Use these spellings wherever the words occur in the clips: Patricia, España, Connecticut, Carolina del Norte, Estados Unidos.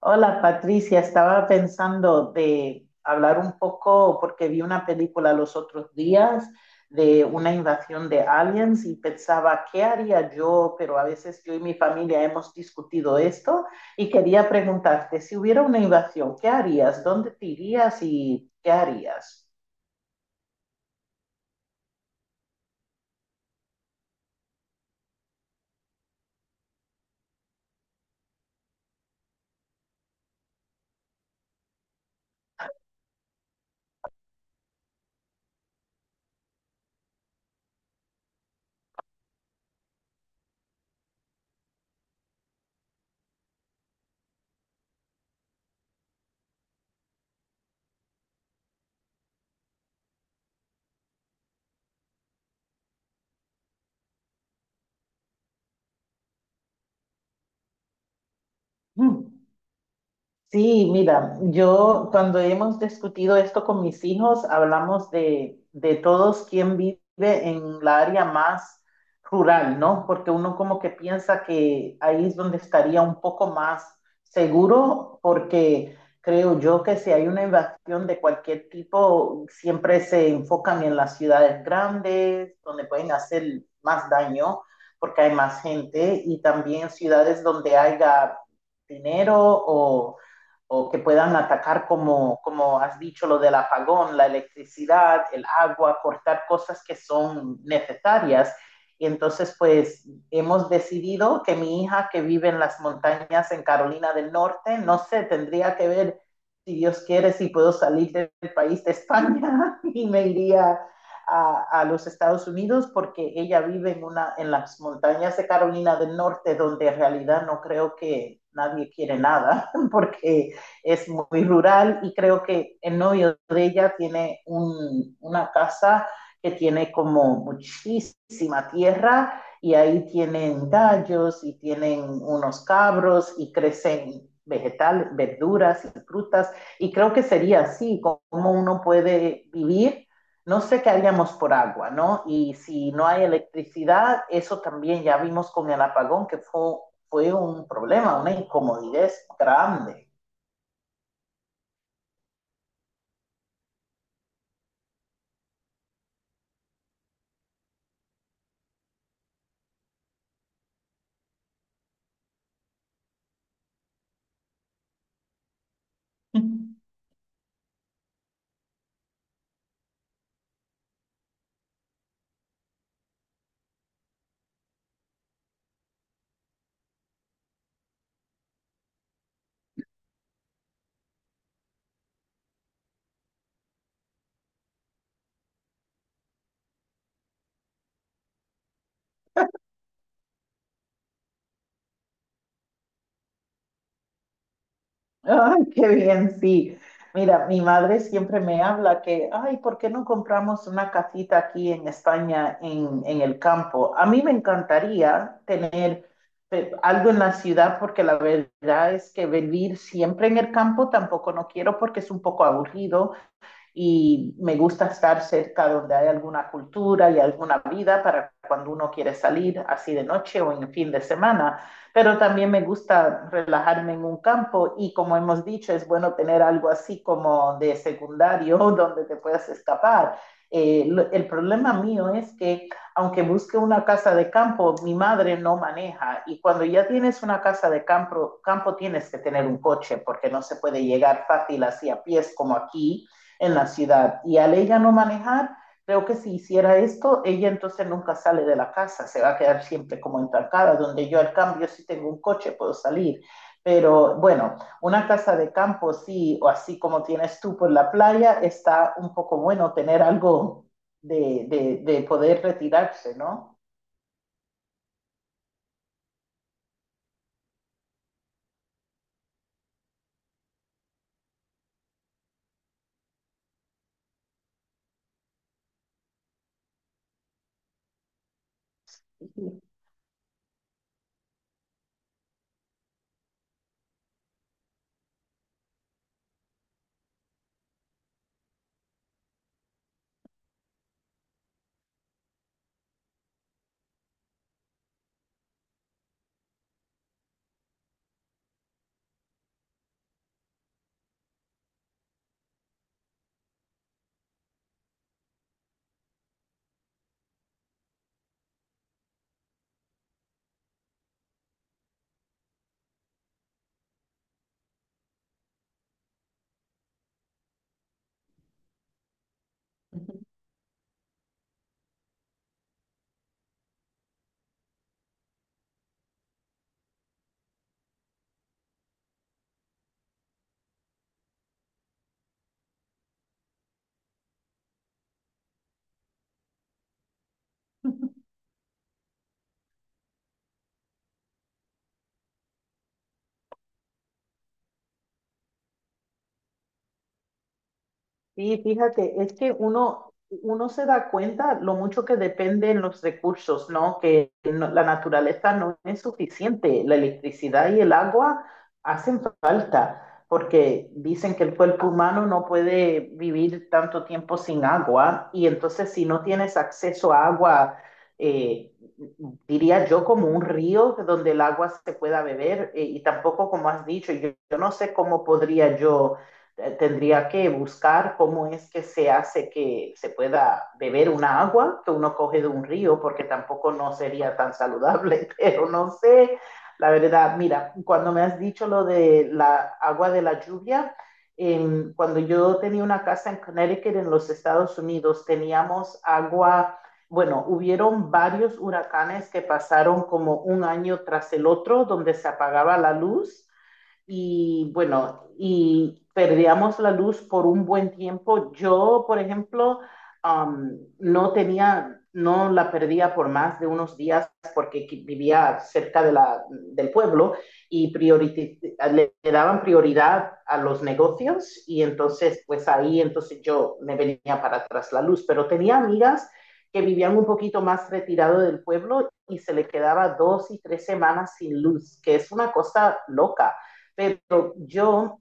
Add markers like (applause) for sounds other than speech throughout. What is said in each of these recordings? Hola Patricia, estaba pensando de hablar un poco porque vi una película los otros días de una invasión de aliens y pensaba, ¿qué haría yo? Pero a veces yo y mi familia hemos discutido esto y quería preguntarte, si hubiera una invasión, ¿qué harías? ¿Dónde te irías y qué harías? Mm. Sí, mira, yo cuando hemos discutido esto con mis hijos, hablamos de todos quien vive en la área más rural, ¿no? Porque uno como que piensa que ahí es donde estaría un poco más seguro, porque creo yo que si hay una invasión de cualquier tipo, siempre se enfocan en las ciudades grandes, donde pueden hacer más daño, porque hay más gente, y también ciudades donde haya dinero o o que puedan atacar, como has dicho, lo del apagón, la electricidad, el agua, cortar cosas que son necesarias. Y entonces, pues hemos decidido que mi hija que vive en las montañas en Carolina del Norte, no sé, tendría que ver si Dios quiere, si puedo salir del país de España (laughs) y me iría a los Estados Unidos porque ella vive en las montañas de Carolina del Norte donde en realidad no creo que nadie quiere nada (laughs) porque es muy rural y creo que el novio de ella tiene una casa que tiene como muchísima tierra y ahí tienen gallos y tienen unos cabros y crecen vegetales, verduras y frutas y creo que sería así como uno puede vivir. No sé qué haríamos por agua, ¿no? Y si no hay electricidad, eso también ya vimos con el apagón que fue un problema, una incomodidad grande. Mm-hmm. Ay, qué bien, sí. Mira, mi madre siempre me habla que, ay, ¿por qué no compramos una casita aquí en España, en el campo? A mí me encantaría tener algo en la ciudad porque la verdad es que vivir siempre en el campo tampoco no quiero porque es un poco aburrido y me gusta estar cerca donde hay alguna cultura y alguna vida para cuando uno quiere salir así de noche o en fin de semana, pero también me gusta relajarme en un campo y como hemos dicho, es bueno tener algo así como de secundario (laughs) donde te puedas escapar. Eh, el problema mío es que aunque busque una casa de campo, mi madre no maneja y cuando ya tienes una casa de campo tienes que tener un coche porque no se puede llegar fácil así a pies como aquí en la ciudad. Y al ella no manejar, creo que si hiciera esto, ella entonces nunca sale de la casa, se va a quedar siempre como entancada, donde yo al cambio si tengo un coche puedo salir. Pero bueno, una casa de campo sí, o así como tienes tú por la playa, está un poco bueno tener algo de poder retirarse, ¿no? Sí, fíjate, uno se da cuenta lo mucho que dependen los recursos, ¿no? Que no- la naturaleza no es suficiente. La electricidad y el agua hacen falta, porque dicen que el cuerpo humano no puede vivir tanto tiempo sin agua, y entonces si no tienes acceso a agua, eh, diría yo como un río donde el agua se pueda beber, y tampoco como has dicho, yo no sé cómo podría yo, tendría que buscar cómo es que se hace que se pueda beber una agua que uno coge de un río, porque tampoco no sería tan saludable, (laughs) pero no sé, la verdad, mira, cuando me has dicho lo de la agua de la lluvia, cuando yo tenía una casa en Connecticut, en los Estados Unidos, teníamos agua bueno, hubieron varios huracanes que pasaron como un año tras el otro, donde se apagaba la luz y bueno, y perdíamos la luz por un buen tiempo. Yo, por ejemplo, no no la perdía por más de unos días porque vivía cerca de del pueblo y le daban prioridad a los negocios y entonces, pues ahí, entonces yo me venía para atrás la luz, pero tenía amigas que vivían un poquito más retirado del pueblo y se le quedaba dos y tres semanas sin luz, que es una cosa loca pero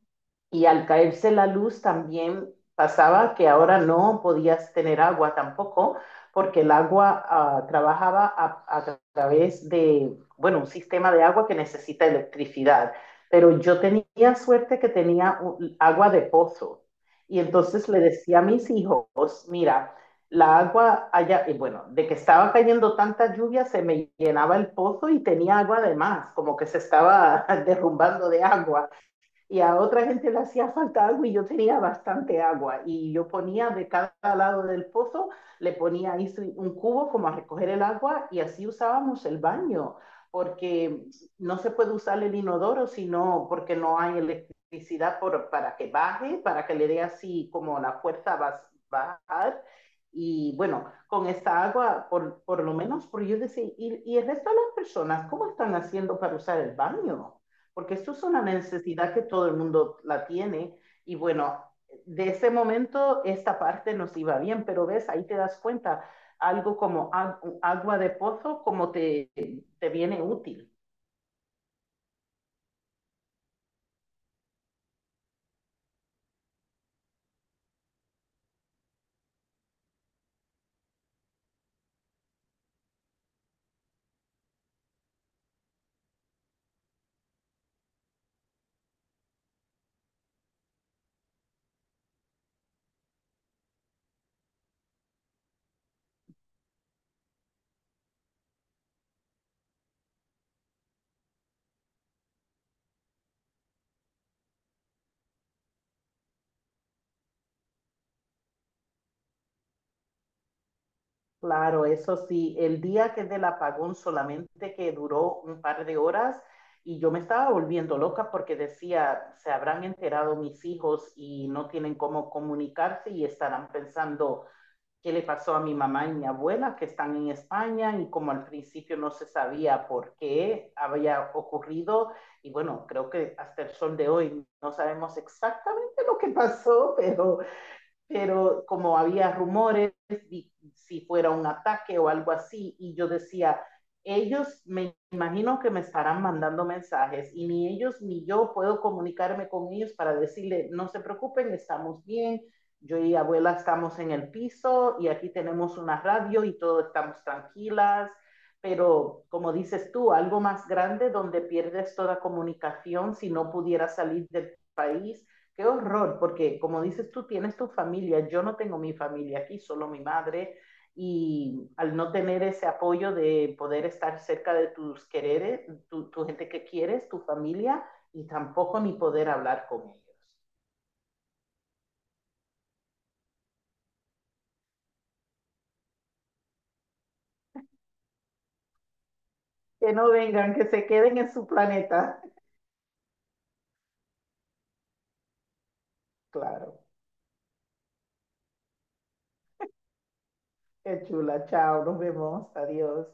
y al caerse la luz también pasaba que ahora no podías tener agua tampoco, porque el agua trabajaba a través bueno, un sistema de agua que necesita electricidad. Pero yo tenía suerte que tenía agua de pozo. Y entonces le decía a mis hijos, mira, la agua allá, y bueno, de que estaba cayendo tanta lluvia, se me llenaba el pozo y tenía agua además, como que se estaba (laughs) derrumbando de agua y a otra gente le hacía falta agua y yo tenía bastante agua y yo ponía de cada lado del pozo, le ponía ahí sí, un cubo como a recoger el agua y así usábamos el baño, porque no se puede usar el inodoro sino porque no hay electricidad para que baje, para que le dé así como la fuerza a bajar. Y bueno, con esta agua, por lo menos, por yo decir, y el resto de las personas, ¿cómo están haciendo para usar el baño? Porque esto es una necesidad que todo el mundo la tiene. Y bueno, de ese momento esta parte nos iba bien, pero ves, ahí te das cuenta, algo como agua de pozo, te viene útil. Claro, eso sí, el día que del apagón solamente que duró un par de horas y yo me estaba volviendo loca porque decía, se habrán enterado mis hijos y no tienen cómo comunicarse y estarán pensando, qué le pasó a mi mamá y mi abuela que están en España y como al principio no se sabía por qué había ocurrido y bueno, creo que hasta el sol de hoy no sabemos exactamente lo que pasó, pero como había rumores, y, si fuera un ataque o algo así, y yo decía, ellos me imagino que me estarán mandando mensajes y ni ellos ni yo puedo comunicarme con ellos para decirle, no se preocupen, estamos bien, yo y abuela estamos en el piso y aquí tenemos una radio y todos estamos tranquilas, pero como dices tú, algo más grande donde pierdes toda comunicación si no pudieras salir del país. Qué horror, porque como dices tú, tienes tu familia, yo no tengo mi familia aquí, solo mi madre, y al no tener ese apoyo de poder estar cerca de tus quereres, tu gente que quieres, tu familia, y tampoco ni poder hablar con ellos. Que no vengan, que se queden en su planeta. Claro, qué chula, chao, nos vemos, adiós.